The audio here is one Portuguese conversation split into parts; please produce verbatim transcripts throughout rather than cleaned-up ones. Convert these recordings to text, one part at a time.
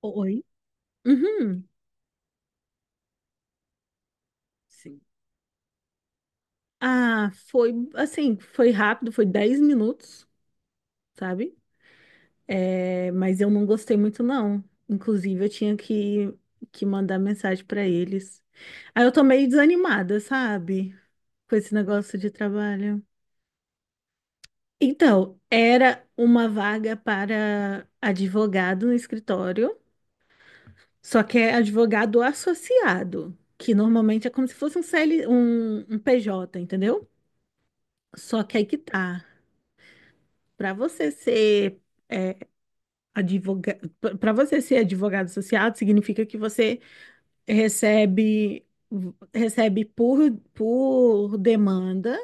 Oi. Uhum. Sim. Ah, foi assim, foi rápido, foi dez minutos, sabe? É, mas eu não gostei muito, não. Inclusive, eu tinha que, que mandar mensagem pra eles. Aí eu tô meio desanimada, sabe? Com esse negócio de trabalho. Então, era uma vaga para advogado no escritório, só que é advogado associado, que normalmente é como se fosse um C L, um, um P J, entendeu? Só que aí que tá. Para você ser é, advogado, para você ser advogado associado, significa que você recebe recebe por, por demanda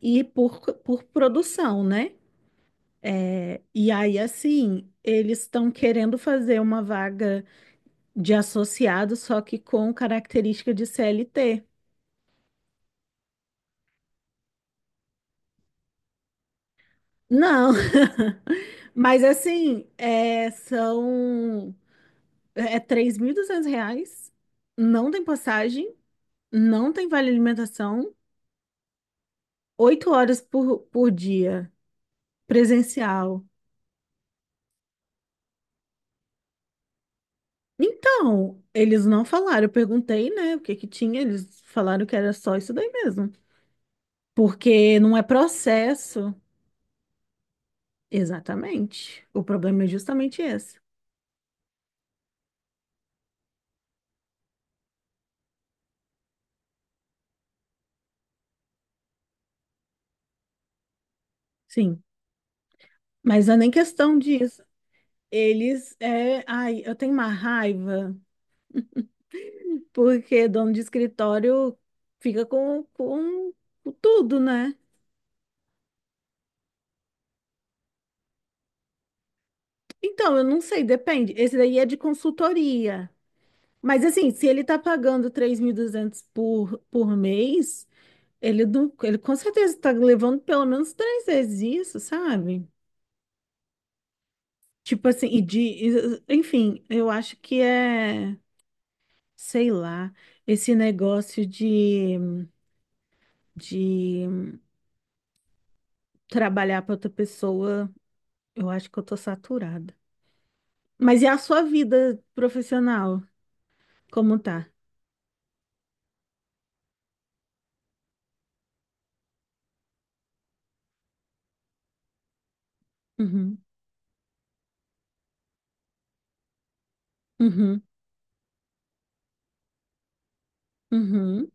e por, por produção, né? É, e aí, assim, eles estão querendo fazer uma vaga de associado, só que com característica de C L T. Não, mas assim, é, são É três mil e duzentos reais, não tem passagem, não tem vale alimentação, oito horas por, por dia, presencial. Então, eles não falaram, eu perguntei, né, o que que tinha, eles falaram que era só isso daí mesmo. Porque não é processo. Exatamente. O problema é justamente esse. Sim. Mas não é nem questão disso. Eles, é, ai, eu tenho uma raiva. Porque dono de escritório fica com, com tudo, né? Então, eu não sei, depende. Esse daí é de consultoria. Mas assim, se ele tá pagando três mil e duzentos por, por mês, ele, não, ele com certeza tá levando pelo menos três vezes isso, sabe? Tipo assim, e de, e- enfim, eu acho que é, sei lá, esse negócio de, de trabalhar para outra pessoa, eu acho que eu tô saturada. Mas e a sua vida profissional? Como tá? Uhum, uhum, uhum,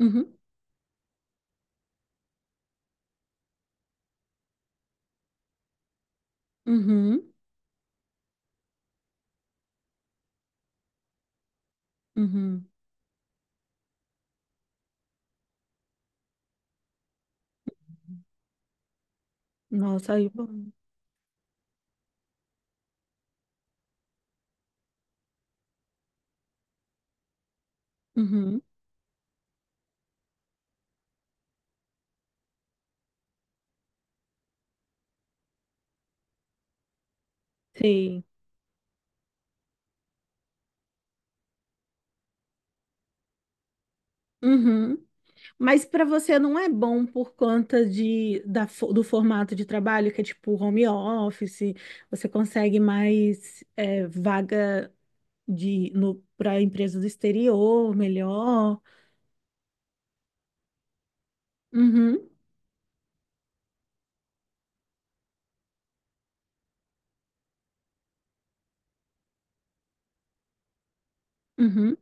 uhum, uhum, uhum. Nossa, aí bom. Uhum, sim. Uhum. Mas para você não é bom por conta de, da, fo- do formato de trabalho, que é tipo home office, você consegue mais é, vaga de no para empresa do exterior, melhor. Uhum, uhum,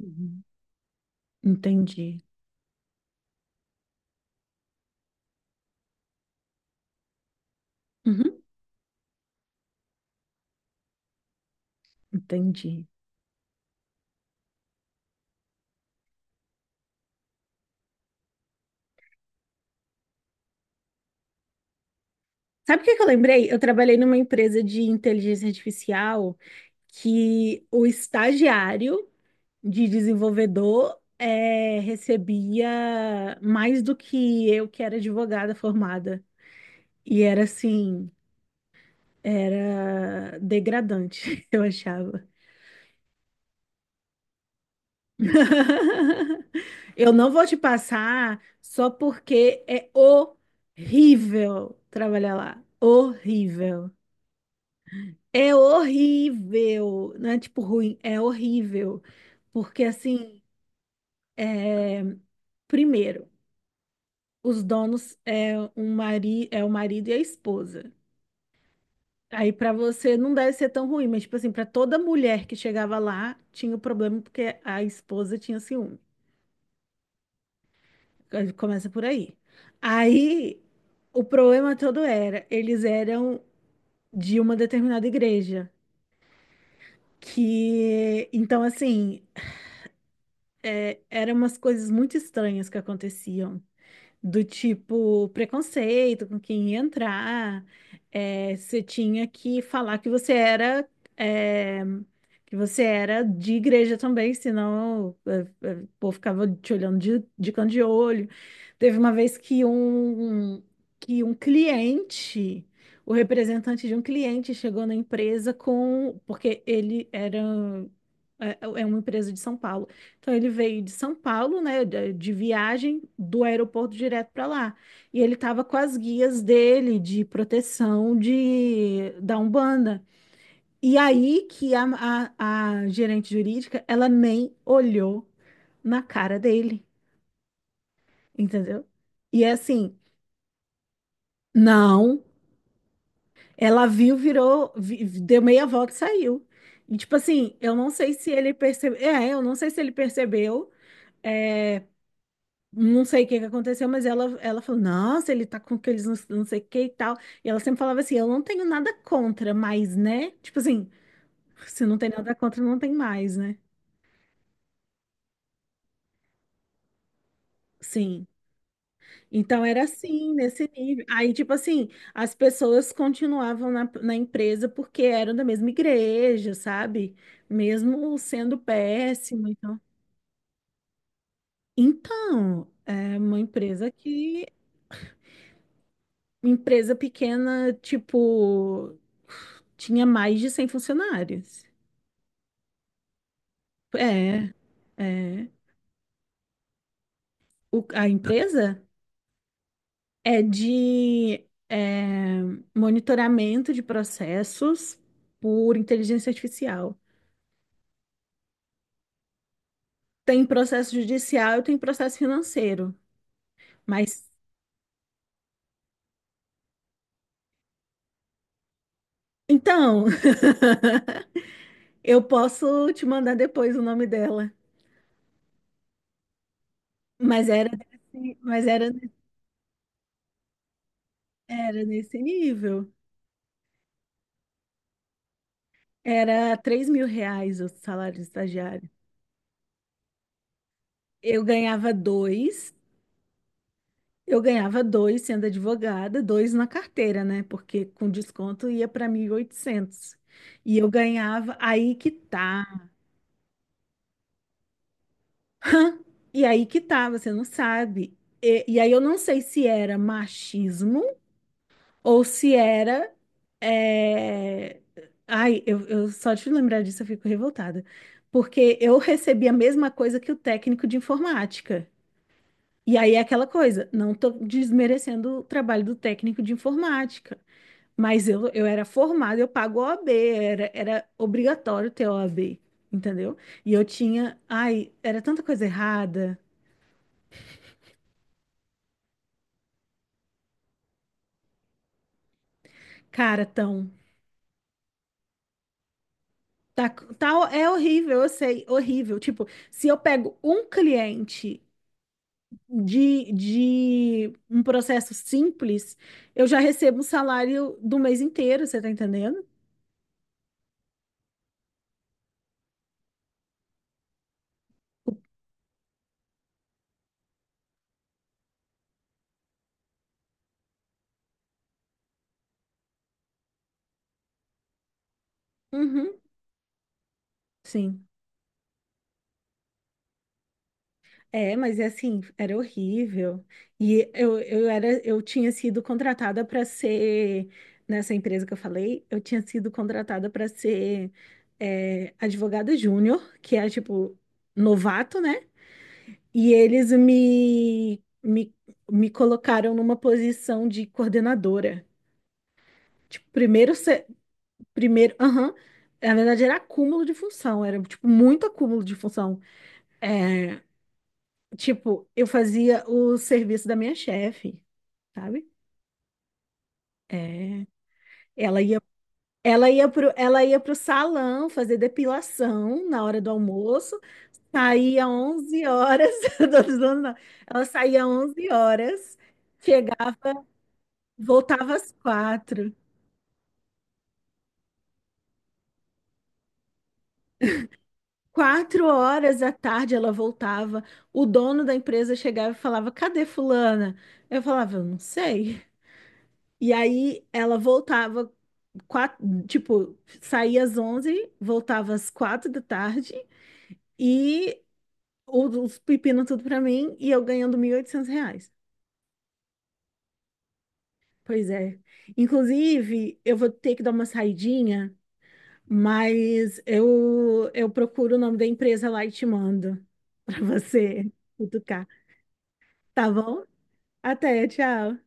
uhum. Entendi. Uhum, entendi. Sabe o que que eu lembrei? Eu trabalhei numa empresa de inteligência artificial que o estagiário de desenvolvedor eh, recebia mais do que eu, que era advogada formada. E era assim, era degradante, eu achava. Eu não vou te passar só porque é horrível trabalhar lá. Horrível. É horrível, não é tipo ruim, é horrível. Porque assim, é, primeiro, os donos é um mari... é o marido e a esposa. Aí pra você não deve ser tão ruim, mas tipo assim, pra toda mulher que chegava lá, tinha o problema porque a esposa tinha ciúme. Começa por aí. Aí o problema todo era, eles eram de uma determinada igreja, que então assim, eram umas coisas muito estranhas que aconteciam. Do tipo, preconceito com quem ia entrar. É, você tinha que falar que você era, é, que você era de igreja também, senão é, é, o povo ficava te olhando de, de canto de olho. Teve uma vez que um, um, que um cliente, o representante de um cliente chegou na empresa com, porque ele era, é é uma empresa de São Paulo. Então ele veio de São Paulo, né, de de viagem do aeroporto direto para lá. E ele estava com as guias dele de proteção de da Umbanda. E aí que a, a, a gerente jurídica, ela nem olhou na cara dele, entendeu? E é assim, não, ela viu, virou, vi- deu meia volta e saiu. E tipo assim, eu não sei se ele percebeu, é, eu não sei se ele percebeu é, Não sei o que que aconteceu, mas ela, ela falou: Nossa, ele tá com aqueles não, não sei o que e tal. E ela sempre falava assim: Eu não tenho nada contra, mas né? Tipo assim, se não tem nada contra, não tem mais, né? Sim. Então era assim, nesse nível. Aí, tipo assim, as pessoas continuavam na, na empresa porque eram da mesma igreja, sabe? Mesmo sendo péssima. Então, então é uma empresa que empresa pequena, tipo, tinha mais de cem funcionários. É, é. O- a empresa é de é, monitoramento de processos por inteligência artificial. Tem processo judicial e tem processo financeiro. Mas, então, eu posso te mandar depois o nome dela. Mas era, desse- mas era, era nesse nível. Era três mil reais o salário de estagiário. Eu ganhava dois, eu ganhava dois sendo advogada, dois na carteira, né? Porque com desconto ia para mil E oitocentos e eu ganhava, aí que tá. E aí que tá, você não sabe. E, e aí eu não sei se era machismo ou se era. é, Ai, eu, eu só de lembrar disso eu fico revoltada. Porque eu recebi a mesma coisa que o técnico de informática. E aí é aquela coisa, não estou desmerecendo o trabalho do técnico de informática, mas eu, eu era formada, eu pago o OAB, era, era obrigatório ter O A B, entendeu? E eu tinha, ai, era tanta coisa errada, cara, tão, tá, tá, é horrível, eu sei, horrível. Tipo, se eu pego um cliente de, de um processo simples, eu já recebo um salário do mês inteiro, você tá entendendo? Uhum, sim. É, mas é assim, era horrível. E eu, eu era, eu tinha sido contratada para ser, nessa empresa que eu falei, eu tinha sido contratada para ser é, advogada júnior, que é tipo novato, né? E eles me, me, me colocaram numa posição de coordenadora. Tipo, primeiro, se- primeiro, aham, na verdade era acúmulo de função, era tipo muito acúmulo de função. É, tipo, eu fazia o serviço da minha chefe, sabe? É, ela ia, ela ia pro, ela ia pro salão fazer depilação na hora do almoço, saía onze horas, eu tô zoando, não. Ela saía onze horas, chegava, voltava às quatro. Quatro horas da tarde ela voltava, o dono da empresa chegava e falava, cadê fulana? Eu falava, eu não sei. E aí ela voltava quatro, tipo, saía às onze voltava às quatro da tarde e o- os pepinos tudo pra mim e eu ganhando mil e oitocentos reais. Pois é. Inclusive, eu vou ter que dar uma saidinha, mas eu, eu procuro o nome da empresa lá e te mando pra você cutucar, tá bom? Até, tchau.